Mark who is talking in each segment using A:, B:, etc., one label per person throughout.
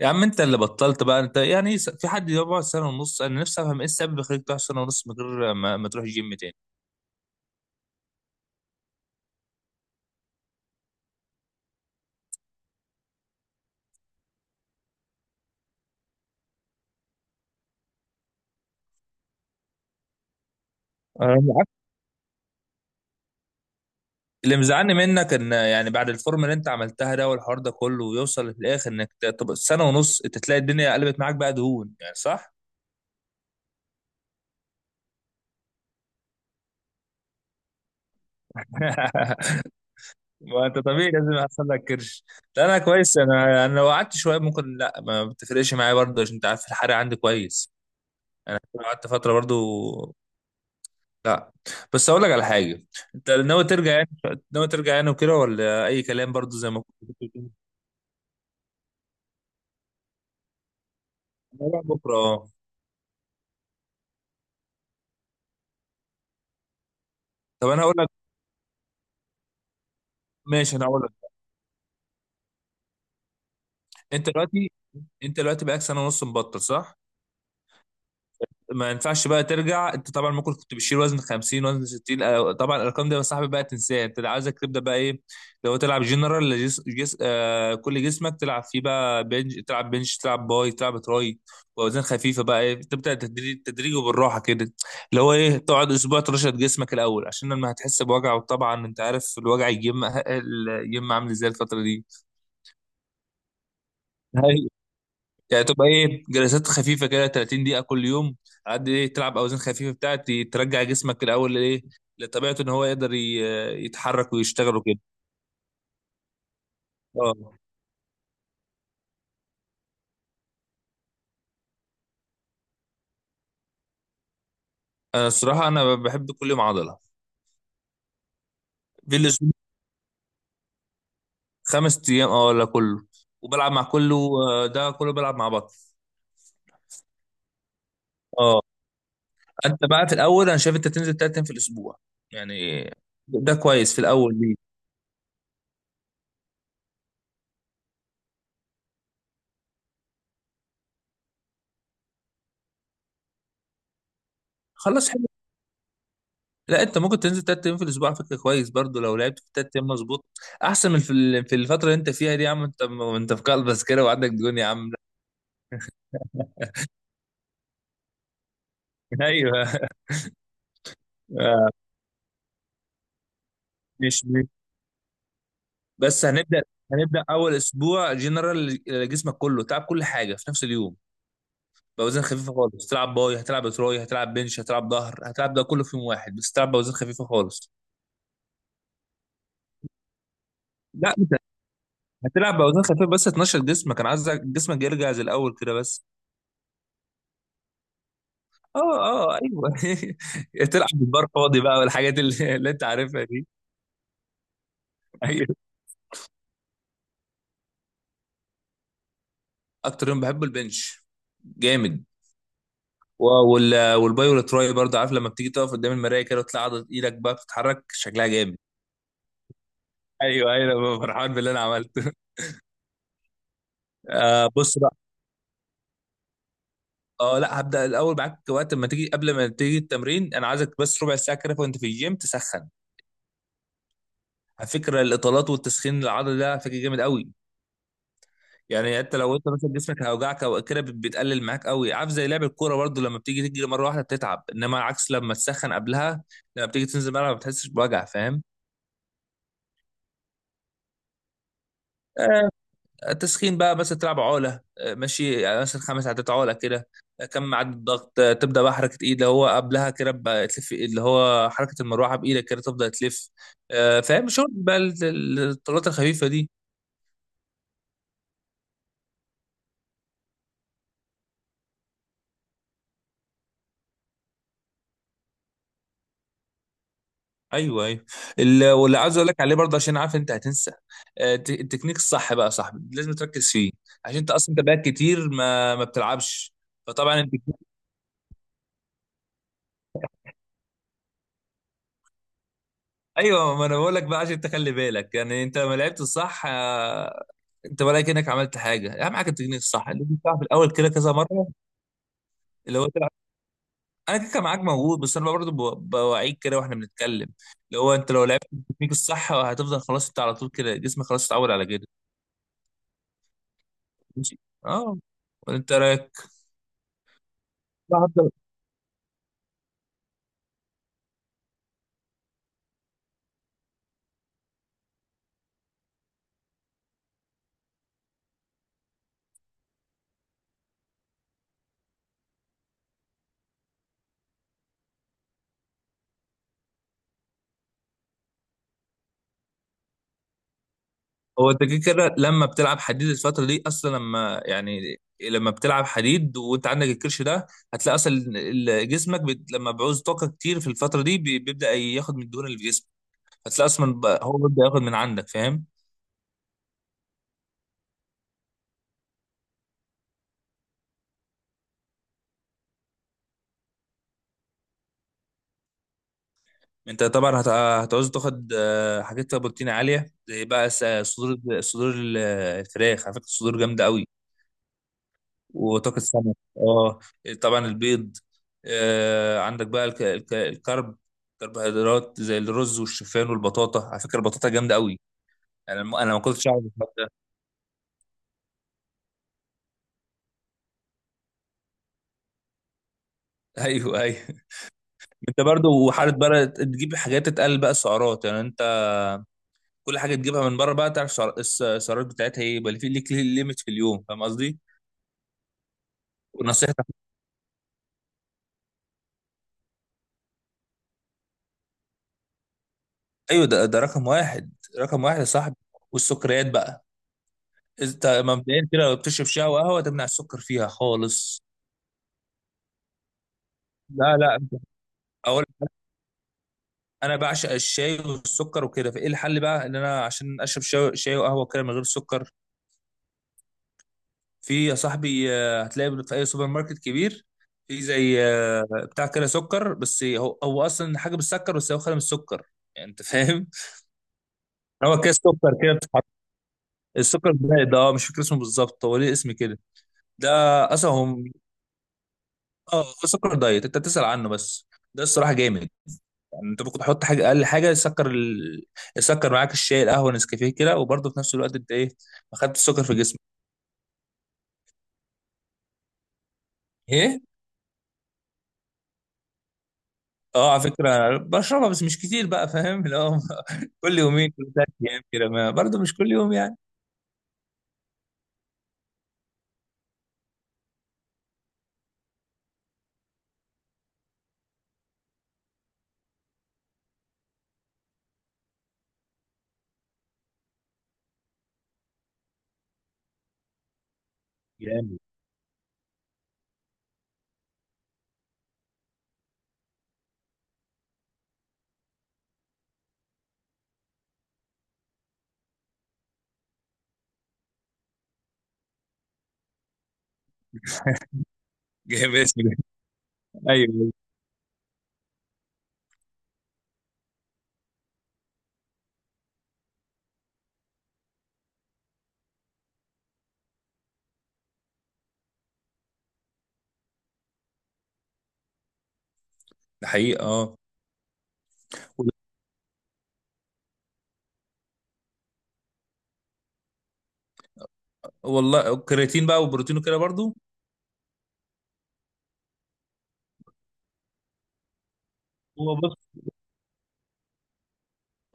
A: يا عم انت اللي بطلت بقى انت يعني في حد يقعد سنه ونص؟ انا نفسي افهم ايه السبب اللي يخليك تقعد سنه ونص من غير ما تروح الجيم تاني. أنا معاك. اللي مزعلني منك ان يعني بعد الفورم اللي انت عملتها ده والحوار ده كله ويوصل في الاخر انك طب سنه ونص انت تلاقي الدنيا قلبت معاك بقى دهون يعني، صح؟ ما انت طبيعي لازم يحصل لك كرش. لا انا كويس، انا لو قعدت شويه ممكن لا ما بتفرقش معايا برضه عشان انت عارف الحرق عندي كويس. قعدت فتره برضه. لا بس اقول لك على حاجه. انت ناوي ترجع يعني؟ ناوي ترجع يعني وكده ولا اي كلام برضو زي ما كنت بتقول؟ أنا رايح بكره اه. طب انا هقول لك. ماشي انا هقول لك. انت دلوقتي، انت دلوقتي بقالك سنه ونص مبطل، صح؟ ما ينفعش بقى ترجع. انت طبعا ممكن كنت بتشيل وزن 50 وزن 60، آه، طبعا الارقام دي يا صاحبي بقى تنساها. انت اللي عايزك تبدا بقى ايه، لو تلعب جنرال آه كل جسمك تلعب فيه بقى تلعب بنش، تلعب باي، تلعب تراي. واوزان خفيفه بقى ايه، تبدا تدريج تدريج وبالراحه كده. اللي هو ايه، تقعد اسبوع ترشد جسمك الاول عشان لما هتحس بوجع، وطبعا انت عارف الوجع يجم عامل ازاي الفتره دي. يعني تبقى ايه، جلسات خفيفه كده 30 دقيقه كل يوم. على قد ايه تلعب اوزان خفيفه بتاعت ترجع جسمك الاول ايه لطبيعته، ان هو يقدر يتحرك ويشتغل وكده. اه انا الصراحه انا بحب كل يوم عضله. في الاسبوع 5 ايام اه، ولا كله وبلعب مع كله. آه، ده كله بلعب مع بطن. اه. انت بقى في الاول انا شايف انت تنزل 3 ايام في الاسبوع يعني. ده كويس في الاول ليه. خلاص حلو. لا انت ممكن تنزل 3 ايام في الاسبوع على فكره كويس برضو، لو لعبت في 3 ايام مظبوط. احسن من في في الفتره اللي انت فيها دي، يا عم انت انت في قلبس كده وعندك ديون يا عم. ايوه. آه، مش مش- بس هنبدا. هنبدا اول اسبوع جنرال جسمك كله تلعب كل حاجه في نفس اليوم، باوزان خفيفه خالص. تلعب باي، هتلعب تراي، هتلعب بنش، هتلعب ظهر، هتلعب ده كله في يوم واحد بس تلعب باوزان خفيفه خالص. لا انت هتلعب باوزان خفيفه بس تنشط جسمك، انا عايز جسمك يرجع زي الاول كده بس. اه، اه ايوه. تلعب بالبار فاضي بقى اللي انت عارفها دي. ايوه. اكتر يوم بحبه البنش، جامد. و- والباي والتراي برضه. عارف لما بتيجي تقف قدام المرايه كده وتطلع عضله ايدك بقى بتتحرك شكلها جامد. ايوه ايوه، أنا ببقى فرحان باللي انا عملته. آه بص بقى. اه لا هبدا الاول معاك. وقت ما تيجي، قبل ما تيجي التمرين، انا عايزك بس ربع ساعه كده وانت في الجيم تسخن. على فكره الاطالات والتسخين العضله ده على فكره جامد قوي. يعني انت لو انت مثلا جسمك هيوجعك او كده بتقلل معاك قوي. عارف زي لعب الكوره برضو، لما بتيجي تجري مره واحده بتتعب، انما عكس لما تسخن قبلها، لما بتيجي تنزل الملعب ما بتحسش بوجع، فاهم؟ آه، التسخين بقى مثلا تلعب عقله، آه، ماشي، يعني مثلا 5 عدات عقله كده. آه، كم عدد الضغط. آه، تبدا بقى حركه ايد اللي هو قبلها كده بقى تلف إيد، اللي هو حركه المروحه بايدك كده تبدا تلف. آه، فاهم، شغل بقى الطلات الخفيفه دي. ايوه ايوه. واللي عايز اقول لك عليه برضه عشان عارف انت هتنسى. آه، التكنيك الصح بقى يا صاحبي لازم تركز فيه، عشان انت اصلا انت بقى كتير ما بتلعبش. فطبعا انت ايوه، ما انا بقول لك بقى عشان تخلي بالك. يعني انت لما لعبت الصح آه، انت ولا كانك عملت حاجه. اهم حاجه التكنيك الصح لازم تعرف الاول كده كذا مره. اللي هو تلعب، انا كده كان معاك موجود، بس انا برضه بوعيك كده واحنا بنتكلم. اللي هو انت لو لعبت التكنيك الصح آه، هتفضل خلاص انت على طول كده، جسمك خلاص اتعود على كده. ماشي. اه. وانت رايك. هو انت كده كده لما بتلعب حديد الفترة دي اصلا، لما يعني لما بتلعب حديد وانت عندك الكرش ده، هتلاقي اصلا جسمك لما بيعوز طاقة كتير في الفترة دي بيبدأ ياخد من الدهون اللي في جسمك. هتلاقي اصلا هو بيبدأ ياخد من عندك، فاهم؟ انت طبعا هتعوز تاخد آه، حاجات فيها بروتين عالية، زي بقى صدور الصدور الفراخ، على فكرة الصدور جامدة قوي. وطاقة السمك اه. طبعا البيض. آه عندك بقى الكرب كربوهيدرات زي الرز والشوفان والبطاطا، على فكرة البطاطا جامدة قوي. انا ما كنتش اعرف الحوار ده. ايوه ايوه. انت برضو وحاله بقى تجيب حاجات تقل بقى السعرات يعني. انت كل حاجه تجيبها من بره بقى تعرف السعرات بتاعتها ايه، يبقى في ليك ليميت في اليوم، فاهم قصدي؟ ونصيحتك، ايوه ده رقم واحد. رقم واحد يا صاحبي، والسكريات بقى. انت مبدئيا كده لو بتشرب شاي وقهوه تمنع السكر فيها خالص. لا، لا، اقول، انا بعشق الشاي والسكر وكده، فايه الحل بقى ان انا عشان اشرب شاي وقهوه كده من غير سكر. في يا صاحبي آه، هتلاقي في اي سوبر ماركت كبير. في زي آه، بتاع كده سكر بس هو اصلا حاجه بالسكر بس هو خالي من السكر، يعني انت فاهم. هو كده سكر كده بتتحط. السكر دايت اه، مش فاكر اسمه بالظبط، هو ليه اسم كده ده. اصلا هو اه هو سكر دايت انت تسأل عنه بس، ده الصراحه جامد. يعني انت ممكن تحط حاجه اقل حاجه يسكر يسكر معاك الشاي، القهوه، نسكافيه كده، وبرضه في نفس الوقت انت ايه، ما خدتش السكر في جسمك. ايه؟ اه على فكره بشربها بس مش كتير بقى، فاهم اللي هو. كل يومين، كل 3 ايام كده، ما برضه مش كل يوم يعني. جامد. جامد اسمي ده. ايوه. ده حقيقه اه. والله الكرياتين بقى والبروتين وكده برضه. هو بص.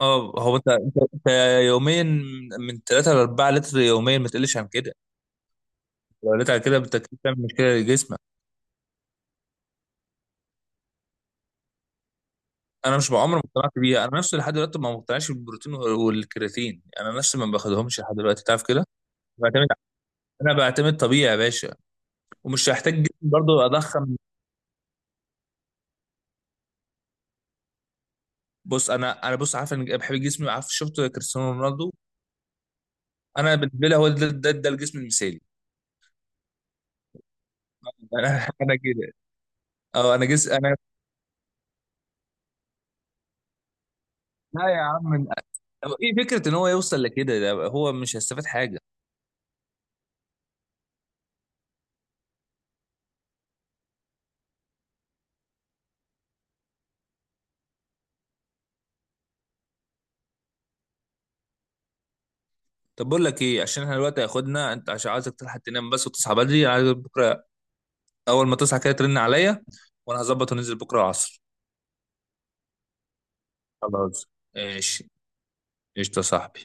A: اه هو انت يوميا من 3 ل 4 لتر يوميا، ما تقلش عن كده، لو قلت على كده انت كده بتعمل مشكله لجسمك. انا مش بعمر ما اقتنعت بيها، انا نفسي لحد دلوقتي ما مقتنعش بالبروتين والكرياتين، يعني انا نفسي ما باخدهمش لحد دلوقتي، تعرف كده. بعتمد، انا بعتمد طبيعي يا باشا. ومش هحتاج جسم برضه اضخم. بص انا بص عارف انا بحب جسمي، عارف شفت كريستيانو رونالدو، انا بالنسبه لي هو ده الجسم المثالي. انا انا كده. اه انا جسم انا لا يا عم، هو ايه فكره ان هو يوصل لكده، ده هو مش هيستفاد حاجه. طب بقول لك ايه، عشان احنا دلوقتي هياخدنا، انت عشان عايزك تلحق تنام بس وتصحى بدري، انا عايز بكره اول ما تصحى كده ترن عليا، وانا هظبط وننزل بكره العصر. خلاص ماشي، قشطه يا صاحبي.